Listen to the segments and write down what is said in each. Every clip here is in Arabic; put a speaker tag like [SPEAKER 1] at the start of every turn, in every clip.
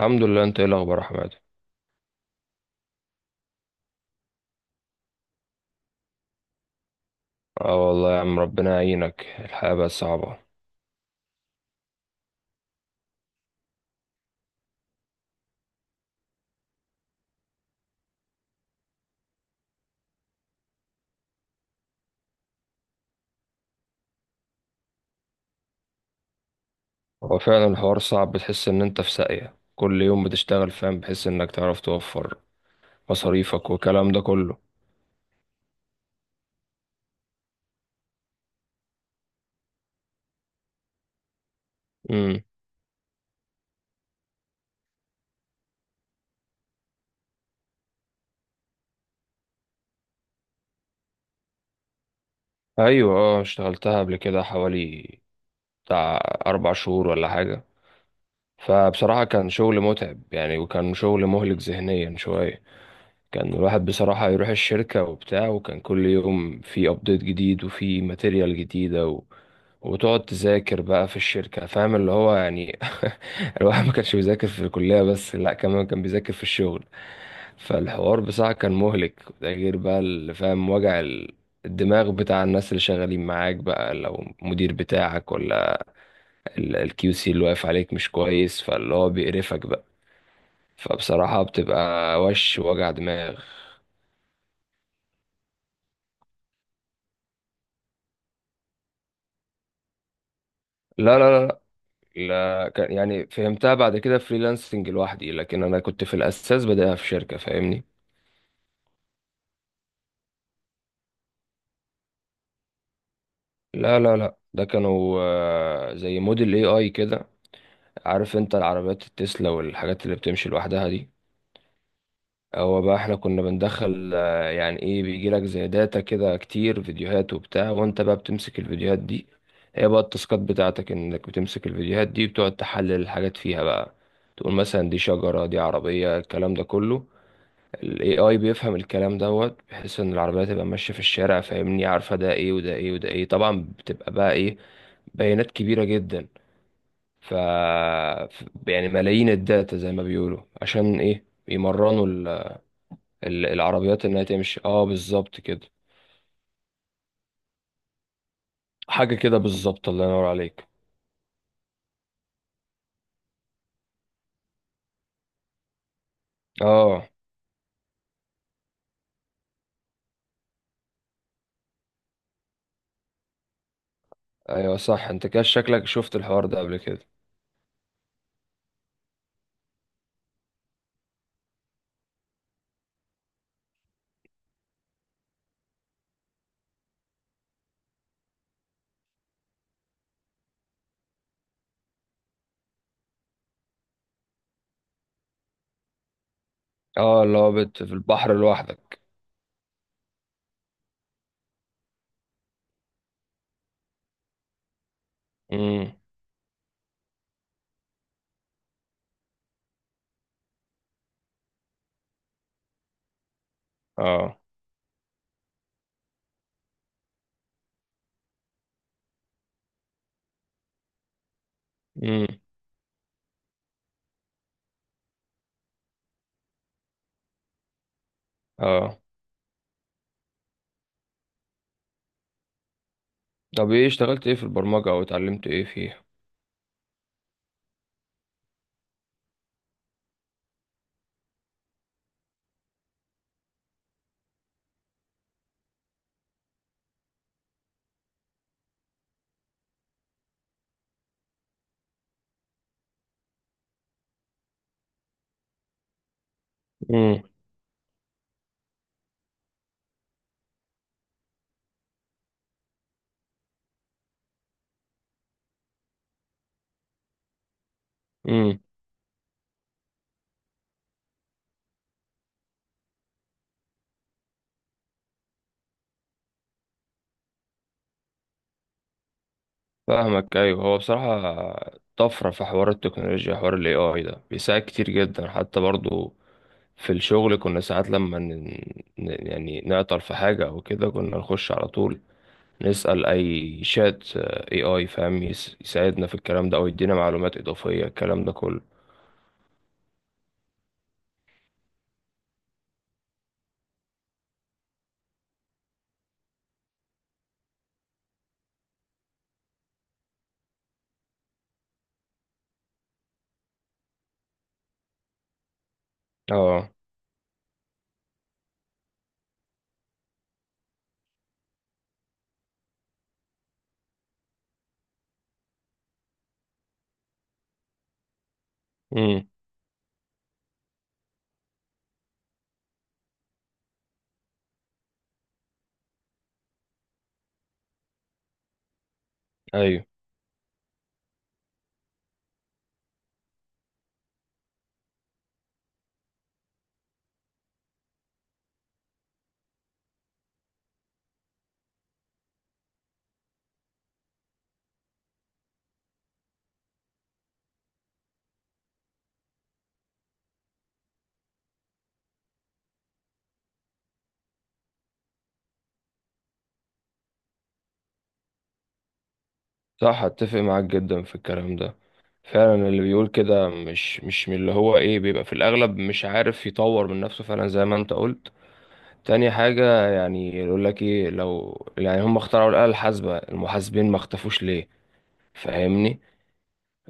[SPEAKER 1] الحمد لله، انت ايه الاخبار يا احمد؟ اه والله يا عم، ربنا يعينك، الحياه بقت صعبه. هو فعلا الحوار صعب، بتحس ان انت في ساقيه كل يوم بتشتغل، فاهم، بحيث انك تعرف توفر مصاريفك والكلام ده كله. امم. ايوه، اه، اشتغلتها قبل كده حوالي بتاع 4 شهور ولا حاجه. فبصراحه كان شغل متعب يعني، وكان شغل مهلك ذهنيا شويه. كان الواحد بصراحه يروح الشركه وبتاع، وكان كل يوم في ابديت جديد وفي ماتيريال جديده، وتقعد تذاكر بقى في الشركة، فاهم اللي هو يعني. الواحد ما كانش بيذاكر في الكلية بس، لا كمان كان بيذاكر في الشغل. فالحوار بصراحة كان مهلك. ده غير بقى اللي فاهم وجع الدماغ بتاع الناس اللي شغالين معاك بقى، لو مدير بتاعك ولا الكيو سي اللي واقف عليك مش كويس، فاللي هو بيقرفك بقى. فبصراحة بتبقى وش وجع دماغ. لا، لا، لا. لا كان يعني فهمتها بعد كده فريلانسنج لوحدي، لكن انا كنت في الاساس بدأها في شركة، فاهمني. لا، لا، لا، ده كانوا زي موديل اي اي كده. عارف انت العربيات التسلا والحاجات اللي بتمشي لوحدها دي؟ هو بقى احنا كنا بندخل يعني ايه، بيجيلك زي داتا كده كتير فيديوهات وبتاع، وانت بقى بتمسك الفيديوهات دي. هي بقى التاسكات بتاعتك، انك بتمسك الفيديوهات دي بتقعد تحلل الحاجات فيها بقى، تقول مثلا دي شجرة دي عربية، الكلام ده كله. الـ AI بيفهم الكلام دوت، بحيث ان العربية تبقى ماشية في الشارع، فاهمني، عارفة ده ايه وده ايه وده ايه، طبعا بتبقى بقى ايه، بيانات كبيرة جدا. ف يعني ملايين الداتا زي ما بيقولوا عشان ايه يمرنوا العربيات انها تمشي، اه، بالظبط كده. حاجة كده بالظبط، الله ينور عليك. اه، ايوه، صح، انت كده شكلك شفت الحوار ده قبل كده. اه، اللي هو في البحر لوحدك. امم. اه. امم. اه، طب ايه اشتغلت ايه في البرمجة او اتعلمت ايه فيها؟ امم. امم. فاهمك، ايوه، هو بصراحه طفره في حوار التكنولوجيا، حوار الـ AI ده بيساعد كتير جدا حتى برضو في الشغل، كنا ساعات لما يعني نعطل في حاجه او كده، كنا نخش على طول نسال أي شات AI، فاهم، يساعدنا في الكلام ده، او يدينا معلومات اضافيه الكلام ده كله. اه. امم. ايوه، صح، اتفق معاك جدا في الكلام ده. فعلا، اللي بيقول كده مش من اللي هو ايه، بيبقى في الاغلب مش عارف يطور من نفسه، فعلا زي ما انت قلت. تاني حاجة، يعني يقول لك ايه، لو يعني هم اخترعوا الآلة الحاسبة، المحاسبين ما اختفوش ليه؟ فاهمني.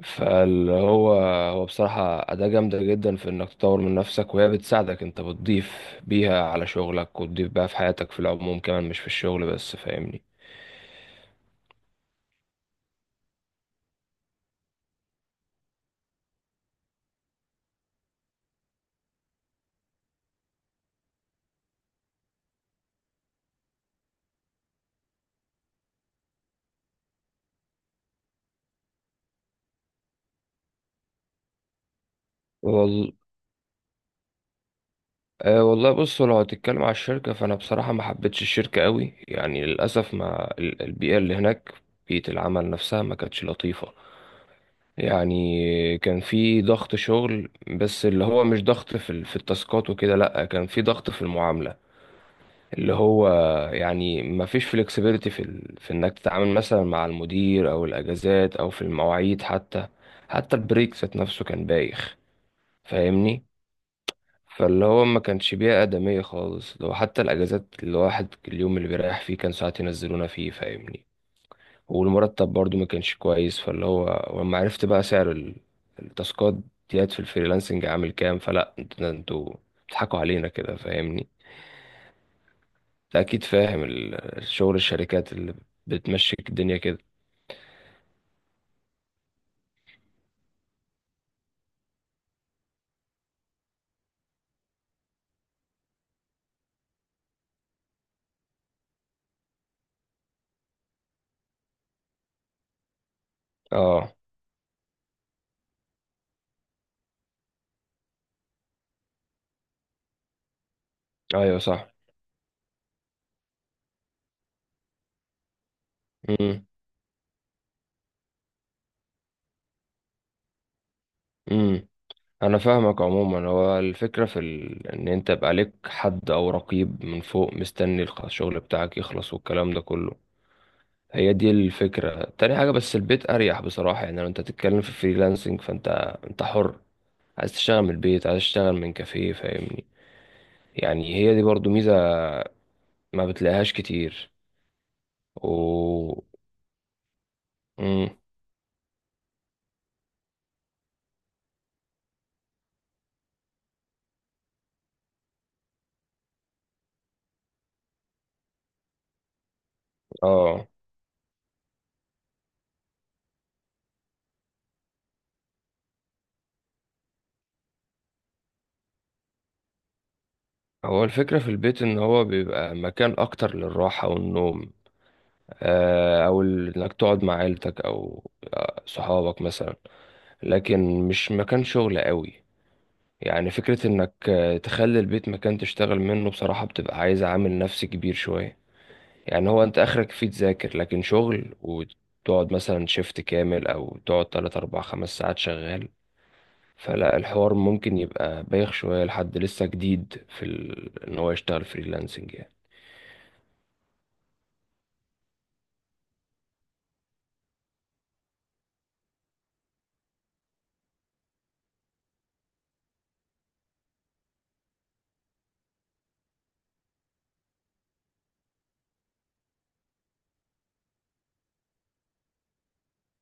[SPEAKER 1] فاللي هو، هو بصراحة أداة جامدة جدا في إنك تطور من نفسك، وهي بتساعدك، أنت بتضيف بيها على شغلك وتضيف بيها في حياتك في العموم كمان، مش في الشغل بس، فاهمني. وال... آه، والله بص، لو هتتكلم على الشركة فأنا بصراحة ما حبيتش الشركة قوي يعني، للأسف ما البيئة اللي هناك، بيئة العمل نفسها ما كانتش لطيفة. يعني كان في ضغط شغل، بس اللي هو مش ضغط في التاسكات وكده، لا كان في ضغط في المعاملة. اللي هو، يعني ما فيش فلكسبيليتي في انك تتعامل مثلا مع المدير او الاجازات او في المواعيد حتى. حتى البريك ذات نفسه كان بايخ، فاهمني. فاللي هو ما كانش بيئة آدمية خالص، لو حتى الاجازات الواحد اليوم اللي بيريح فيه كان ساعات ينزلونا فيه، فاهمني. والمرتب برضو ما كانش كويس، فاللي هو، ولما عرفت بقى سعر التاسكات ديت في الفريلانسنج عامل كام، فلا ده انتوا بتضحكوا علينا كده، فاهمني. انت اكيد فاهم الشغل الشركات اللي بتمشيك الدنيا كده. اه، ايوه، صح. امم. امم. انا فاهمك، عموما هو الفكره ان انت يبقى ليك حد او رقيب من فوق مستني الشغل بتاعك يخلص والكلام ده كله. هي دي الفكرة، تاني حاجة بس البيت أريح بصراحة، يعني لو أنت تتكلم في فريلانسنج فأنت حر، عايز تشتغل من البيت، عايز تشتغل من كافيه، فاهمني. يعني هي دي برضو ميزة ما بتلاقيهاش كتير. و مم. اه، هو الفكرة في البيت إن هو بيبقى مكان أكتر للراحة والنوم، آه، أو إنك تقعد مع عيلتك، أو صحابك مثلا، لكن مش مكان شغل قوي. يعني فكرة انك تخلي البيت مكان تشتغل منه، بصراحة بتبقى عايز عامل نفسي كبير شوية. يعني هو انت اخرك فيه تذاكر، لكن شغل وتقعد مثلا شيفت كامل، او تقعد 3 أو 4 أو 5 ساعات شغال. فلا الحوار ممكن يبقى بايخ شوية لحد لسه جديد ان هو يشتغل فريلانسنج يعني.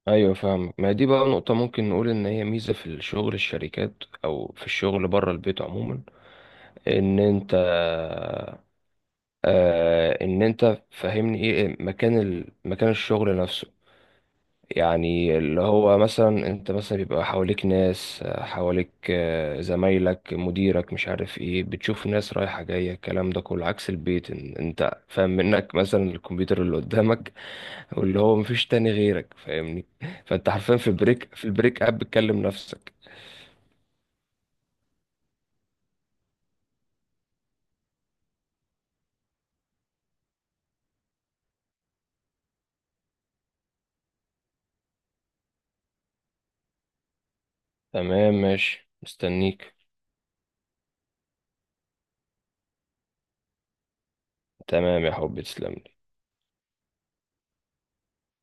[SPEAKER 1] ايوه، فاهم، ما دي بقى نقطة ممكن نقول ان هي ميزة في الشغل الشركات، او في الشغل بره البيت عموما، ان انت، ان انت فاهمني ايه، مكان الشغل نفسه. يعني اللي هو مثلا، انت مثلا بيبقى حواليك ناس، حواليك زمايلك، مديرك، مش عارف ايه، بتشوف ناس رايحة جاية، الكلام ده كله عكس البيت، إن انت فاهم منك مثلا الكمبيوتر اللي قدامك. واللي هو مفيش تاني غيرك، فاهمني. فانت حرفيا في البريك اب بتكلم نفسك. تمام، ماشي، مستنيك. تمام يا حبيبي، تسلم.